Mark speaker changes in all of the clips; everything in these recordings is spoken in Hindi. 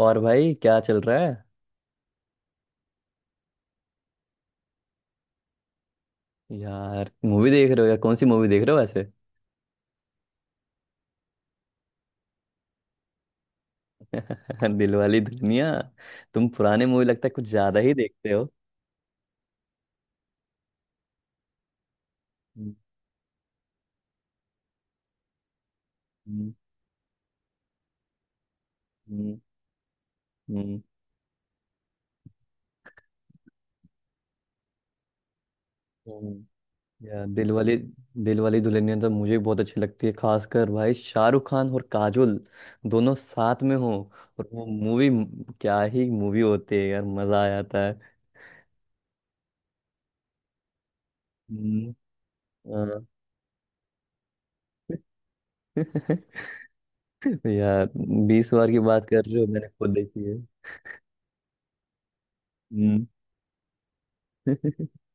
Speaker 1: और भाई क्या चल रहा है? यार मूवी देख रहे हो, या कौन सी मूवी देख रहे हो वैसे? दिलवाली दुल्हनिया। तुम पुराने मूवी लगता है कुछ ज्यादा ही देखते हो। हम्म। हम्म। हम्म। हम्म। हम्म। यार दिलवाली दिलवाली दुल्हनिया तो मुझे बहुत अच्छी लगती है, खासकर भाई शाहरुख खान और काजोल दोनों साथ में हो। और वो मूवी, क्या ही मूवी होती है यार, मजा आ जाता है। हम्म। हाँ। यार, 20 बार की बात कर रहे हो, मैंने खुद देखी है। हम्म।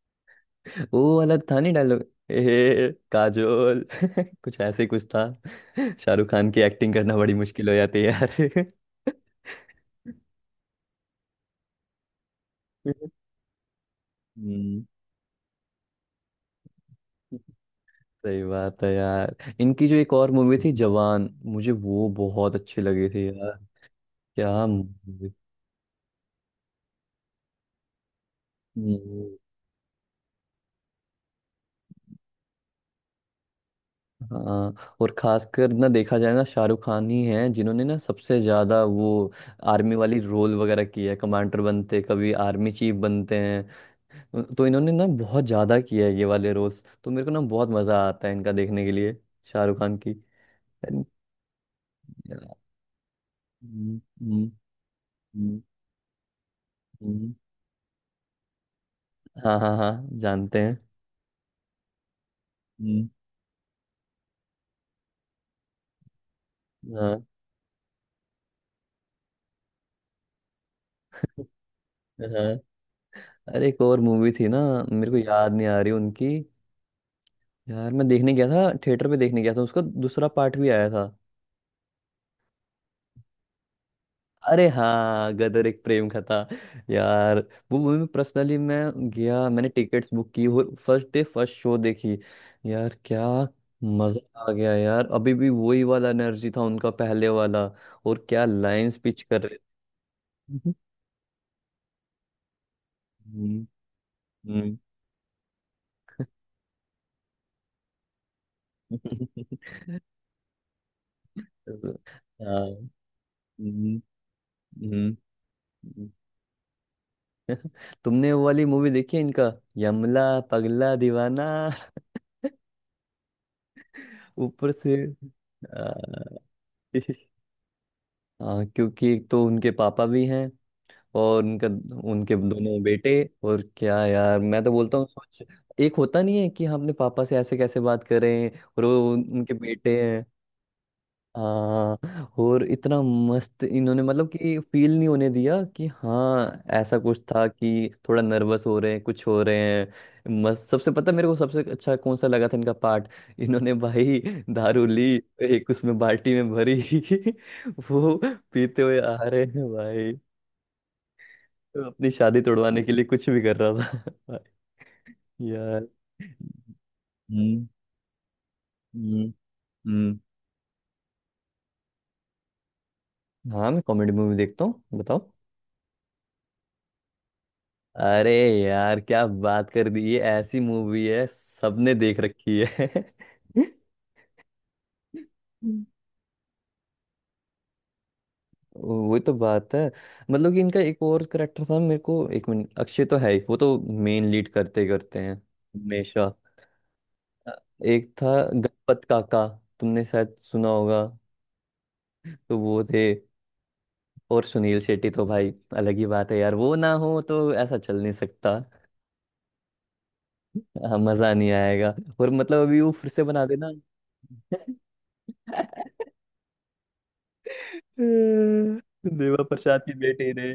Speaker 1: वो वाला था नहीं डायलॉग, ए काजोल कुछ ऐसे ही कुछ था। शाहरुख खान की एक्टिंग करना बड़ी मुश्किल हो जाती है यार। हम्म। सही बात है यार। इनकी जो एक और मूवी थी जवान, मुझे वो बहुत अच्छी लगी थी यार। क्या मूवी। हम्म। हाँ, और खासकर ना, देखा जाए ना, शाहरुख खान ही हैं जिन्होंने ना सबसे ज्यादा वो आर्मी वाली रोल वगैरह की है, कमांडर बनते, कभी आर्मी चीफ बनते हैं। तो इन्होंने ना बहुत ज्यादा किया है ये वाले रोल्स, तो मेरे को ना बहुत मजा आता है इनका देखने के लिए, शाहरुख खान की। हम्म। हम्म। हम्म। हम्म। हाँ हाँ हाँ, जानते हैं। हम्म। हाँ हाँ। अरे एक और मूवी थी ना, मेरे को याद नहीं आ रही उनकी। यार मैं देखने गया था, थिएटर पे देखने गया था, उसका दूसरा पार्ट भी आया था। अरे हाँ, गदर एक प्रेम कथा। यार वो मूवी में पर्सनली मैं गया, मैंने टिकट्स बुक की और फर्स्ट डे फर्स्ट शो देखी। यार क्या मजा आ गया यार, अभी भी वही वाला एनर्जी था उनका पहले वाला। और क्या लाइंस पिच कर रहे थे। हम्म। हम्म। हम्म। हाँ। हम्म। हम्म। हम्म। तुमने वो वाली मूवी देखी है इनका, यमला पगला दीवाना? ऊपर से आ, हाँ, क्योंकि एक तो उनके पापा भी हैं, और उनका, उनके दोनों बेटे। और क्या यार, मैं तो बोलता हूँ सोच, एक होता नहीं है कि हम अपने पापा से ऐसे कैसे बात करें। और वो उनके बेटे। हाँ, और इतना मस्त इन्होंने, मतलब कि फील नहीं होने दिया कि हाँ ऐसा कुछ था कि थोड़ा नर्वस हो रहे हैं, कुछ हो रहे हैं। मस्त। सबसे पता मेरे को सबसे अच्छा कौन सा लगा था इनका पार्ट? इन्होंने भाई दारू ली, एक उसमें बाल्टी में भरी, वो पीते हुए आ रहे हैं भाई। तो अपनी शादी तोड़वाने के लिए कुछ भी कर रहा था भाई। यार। हम्म। हम्म। हम्म। हाँ मैं कॉमेडी मूवी देखता हूँ, बताओ। अरे यार, क्या बात कर दी, ये ऐसी मूवी है सबने देख रखी है। हम्म। वो तो बात है। मतलब कि इनका एक और करेक्टर था, मेरे को एक मिनट, अक्षय तो है ही, वो तो मेन लीड करते करते हैं हमेशा। अ, एक था गणपत काका, तुमने शायद सुना होगा। तो वो थे। और सुनील शेट्टी तो भाई अलग ही बात है यार, वो ना हो तो ऐसा चल नहीं सकता। हाँ, मजा नहीं आएगा। और मतलब अभी वो फिर से बना देना। देवा प्रसाद के बेटे ने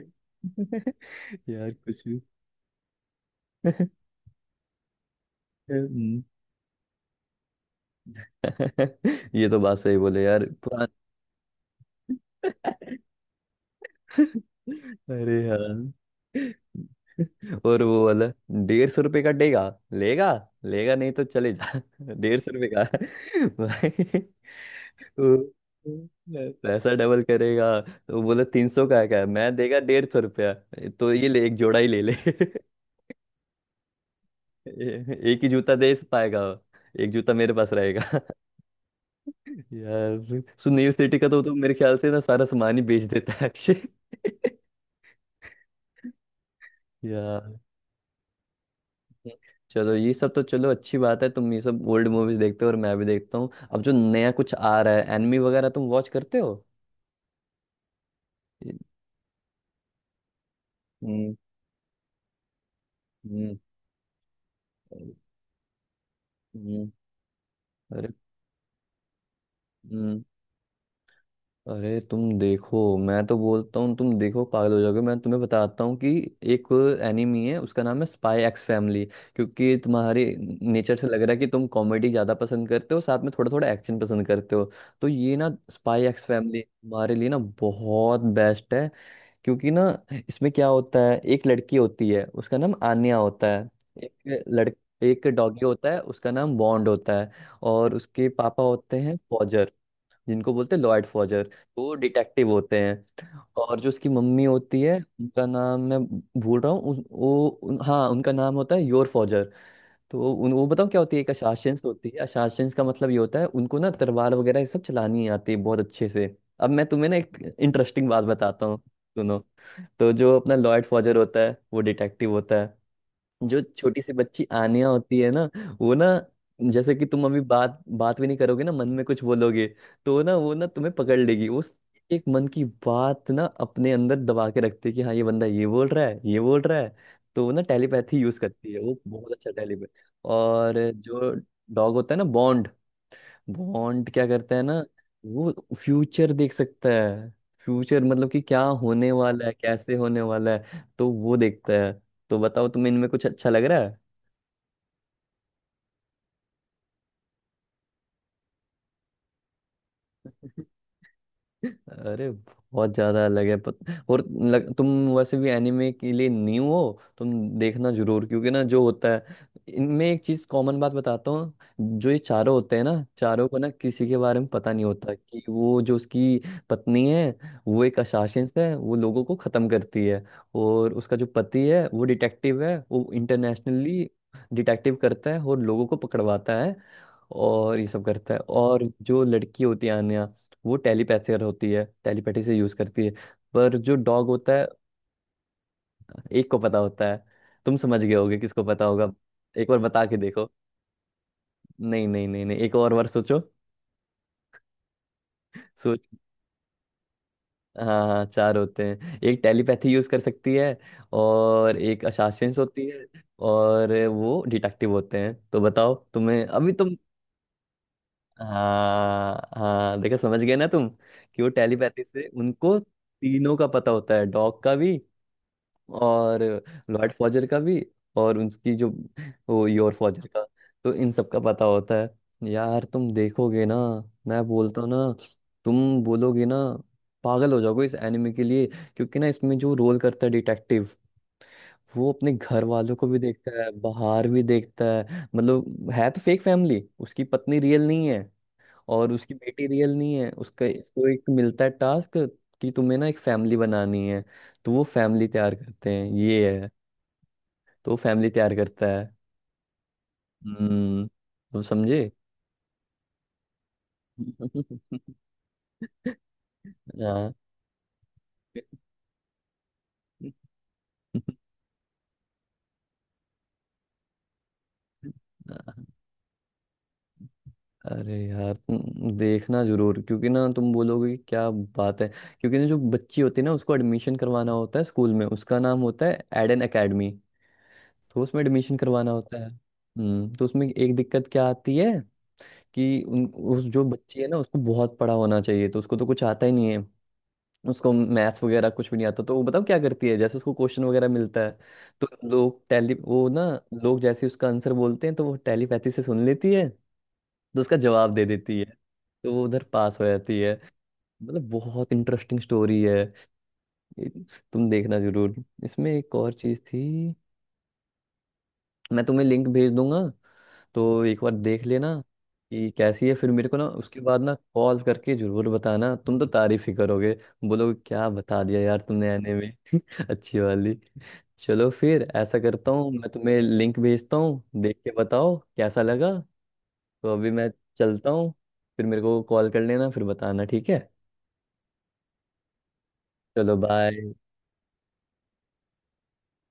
Speaker 1: यार कुछ भी। हम्म। ये तो बात सही बोले यार, पुरान। अरे हाँ, और वो वाला, 150 रुपये का देगा, लेगा, लेगा नहीं तो चले जा। 150 रुपये का भाई, वो पैसा डबल करेगा। तो बोला 300 का है क्या, मैं देगा 150 रुपया। तो ये ले, एक जोड़ा ही ले ले। एक ही जूता दे पाएगा, एक जूता मेरे पास रहेगा। यार सुनील शेट्टी का तो मेरे ख्याल से ना सारा सामान ही बेच देता है अक्षय। यार चलो, ये सब तो चलो अच्छी बात है, तुम ये सब ओल्ड मूवीज देखते हो और मैं भी देखता हूँ। अब जो नया कुछ आ रहा है, एनिमी वगैरह, तुम वॉच करते हो? हम्म। हम्म। हम्म। अरे। हम्म। अरे तुम देखो, मैं तो बोलता हूँ तुम देखो पागल हो जाओगे, मैं तुम्हें बताता हूँ कि एक एनिमी है, उसका नाम है स्पाई एक्स फैमिली। क्योंकि तुम्हारे नेचर से लग रहा है कि तुम कॉमेडी ज़्यादा पसंद करते हो, साथ में थोड़ा थोड़ा एक्शन पसंद करते हो, तो ये ना स्पाई एक्स फैमिली तुम्हारे लिए ना बहुत बेस्ट है। क्योंकि ना इसमें क्या होता है, एक लड़की होती है, उसका नाम आन्या होता है। एक लड़ एक डॉगी होता है, उसका नाम बॉन्ड होता है। और उसके पापा होते हैं फॉजर, जिनको बोलते हैं लॉयड फॉजर, तो वो डिटेक्टिव होते हैं। और जो उसकी मम्मी होती है, उनका नाम मैं भूल रहा हूँ हाँ, उनका नाम होता है योर फॉजर। तो वो बताओ क्या होती है, एक अशासंस होती है। अशासंस का मतलब ये होता है, उनको ना तलवार वगैरह ये सब चलानी आती है बहुत अच्छे से। अब मैं तुम्हें ना एक इंटरेस्टिंग बात बताता हूँ, सुनो। तो जो अपना लॉयड फॉजर होता है, वो डिटेक्टिव होता है। जो छोटी सी बच्ची आनिया होती है ना, वो ना, जैसे कि तुम अभी बात बात भी नहीं करोगे ना, मन में कुछ बोलोगे, तो ना वो ना तुम्हें पकड़ लेगी। उस एक मन की बात ना अपने अंदर दबा के रखती है कि हाँ ये बंदा ये बोल रहा है, ये बोल रहा है। तो वो ना टेलीपैथी यूज करती है, वो बहुत अच्छा टेलीपैथ। और जो डॉग होता है ना, बॉन्ड, बॉन्ड क्या करता है ना, वो फ्यूचर देख सकता है। फ्यूचर मतलब कि क्या होने वाला है, कैसे होने वाला है, तो वो देखता है। तो बताओ तुम्हें इनमें कुछ अच्छा लग रहा है? अरे बहुत ज्यादा अलग है। तुम वैसे भी एनिमे के लिए न्यू हो, तुम देखना जरूर। क्योंकि ना जो होता है, इनमें एक चीज कॉमन बात बताता हूँ। जो ये चारों होते हैं ना, चारों को ना किसी के बारे में पता नहीं होता कि वो जो उसकी पत्नी है, वो एक असासिन है, वो लोगों को खत्म करती है। और उसका जो पति है वो डिटेक्टिव है, वो इंटरनेशनली डिटेक्टिव करता है और लोगों को पकड़वाता है और ये सब करता है। और जो लड़की होती है आन्या, वो टेलीपैथर होती है, टेलीपैथी से यूज करती है। पर जो डॉग होता है, एक को पता होता है। तुम समझ गए होगे किसको पता होगा, एक बार बता के देखो। नहीं नहीं नहीं नहीं, एक और बार सोचो, सोच। हाँ हाँ, चार होते हैं, एक टेलीपैथी यूज कर सकती है, और एक असासिन होती है, और वो डिटेक्टिव होते हैं। तो बताओ तुम्हें अभी, तुम। हाँ हाँ देखो, समझ गए ना तुम, कि वो टेलीपैथी से उनको तीनों का पता होता है, डॉग का भी और लॉर्ड फॉजर का भी, और उनकी जो वो, योर फॉजर का। तो इन सब का पता होता है यार, तुम देखोगे ना, मैं बोलता हूँ ना, तुम बोलोगे ना, पागल हो जाओगे इस एनिमे के लिए। क्योंकि ना इसमें जो रोल करता है डिटेक्टिव, वो अपने घर वालों को भी देखता है, बाहर भी देखता है। मतलब है तो फेक फैमिली, उसकी पत्नी रियल नहीं है और उसकी बेटी रियल नहीं है। उसका, उसको एक मिलता है टास्क कि तुम्हें ना एक फैमिली बनानी है। तो वो फैमिली तैयार करते हैं, ये है, तो वो फैमिली तैयार करता है। हम्म, तुम समझे? हाँ हाँ। अरे यार तुम देखना जरूर, क्योंकि ना तुम बोलोगे कि क्या बात है। क्योंकि ना जो बच्ची होती है ना, उसको एडमिशन करवाना होता है स्कूल में, उसका नाम होता है एडन एकेडमी। तो उसमें एडमिशन करवाना होता है, हम्म, तो उसमें एक दिक्कत क्या आती है कि उन उस जो बच्ची है ना, उसको बहुत पढ़ा होना चाहिए, तो उसको तो कुछ आता ही नहीं है। उसको मैथ्स वगैरह कुछ भी नहीं आता, तो वो बताओ क्या करती है, जैसे उसको क्वेश्चन वगैरह मिलता है, तो लोग टेली वो ना लोग जैसे उसका आंसर बोलते हैं, तो वो टेलीपैथी से सुन लेती है, तो उसका जवाब दे देती है, तो वो उधर पास हो जाती है। मतलब बहुत इंटरेस्टिंग स्टोरी है ये, तुम देखना जरूर। इसमें एक और चीज थी, मैं तुम्हें लिंक भेज दूंगा, तो एक बार देख लेना कि कैसी है। फिर मेरे को ना उसके बाद ना कॉल करके जरूर बताना, तुम तो तारीफ ही करोगे, बोलोगे क्या बता दिया यार तुमने आने में। अच्छी वाली। चलो फिर ऐसा करता हूँ, मैं तुम्हें लिंक भेजता हूँ, देख के बताओ कैसा लगा। तो अभी मैं चलता हूँ, फिर मेरे को कॉल कर लेना, फिर बताना, ठीक है? चलो बाय।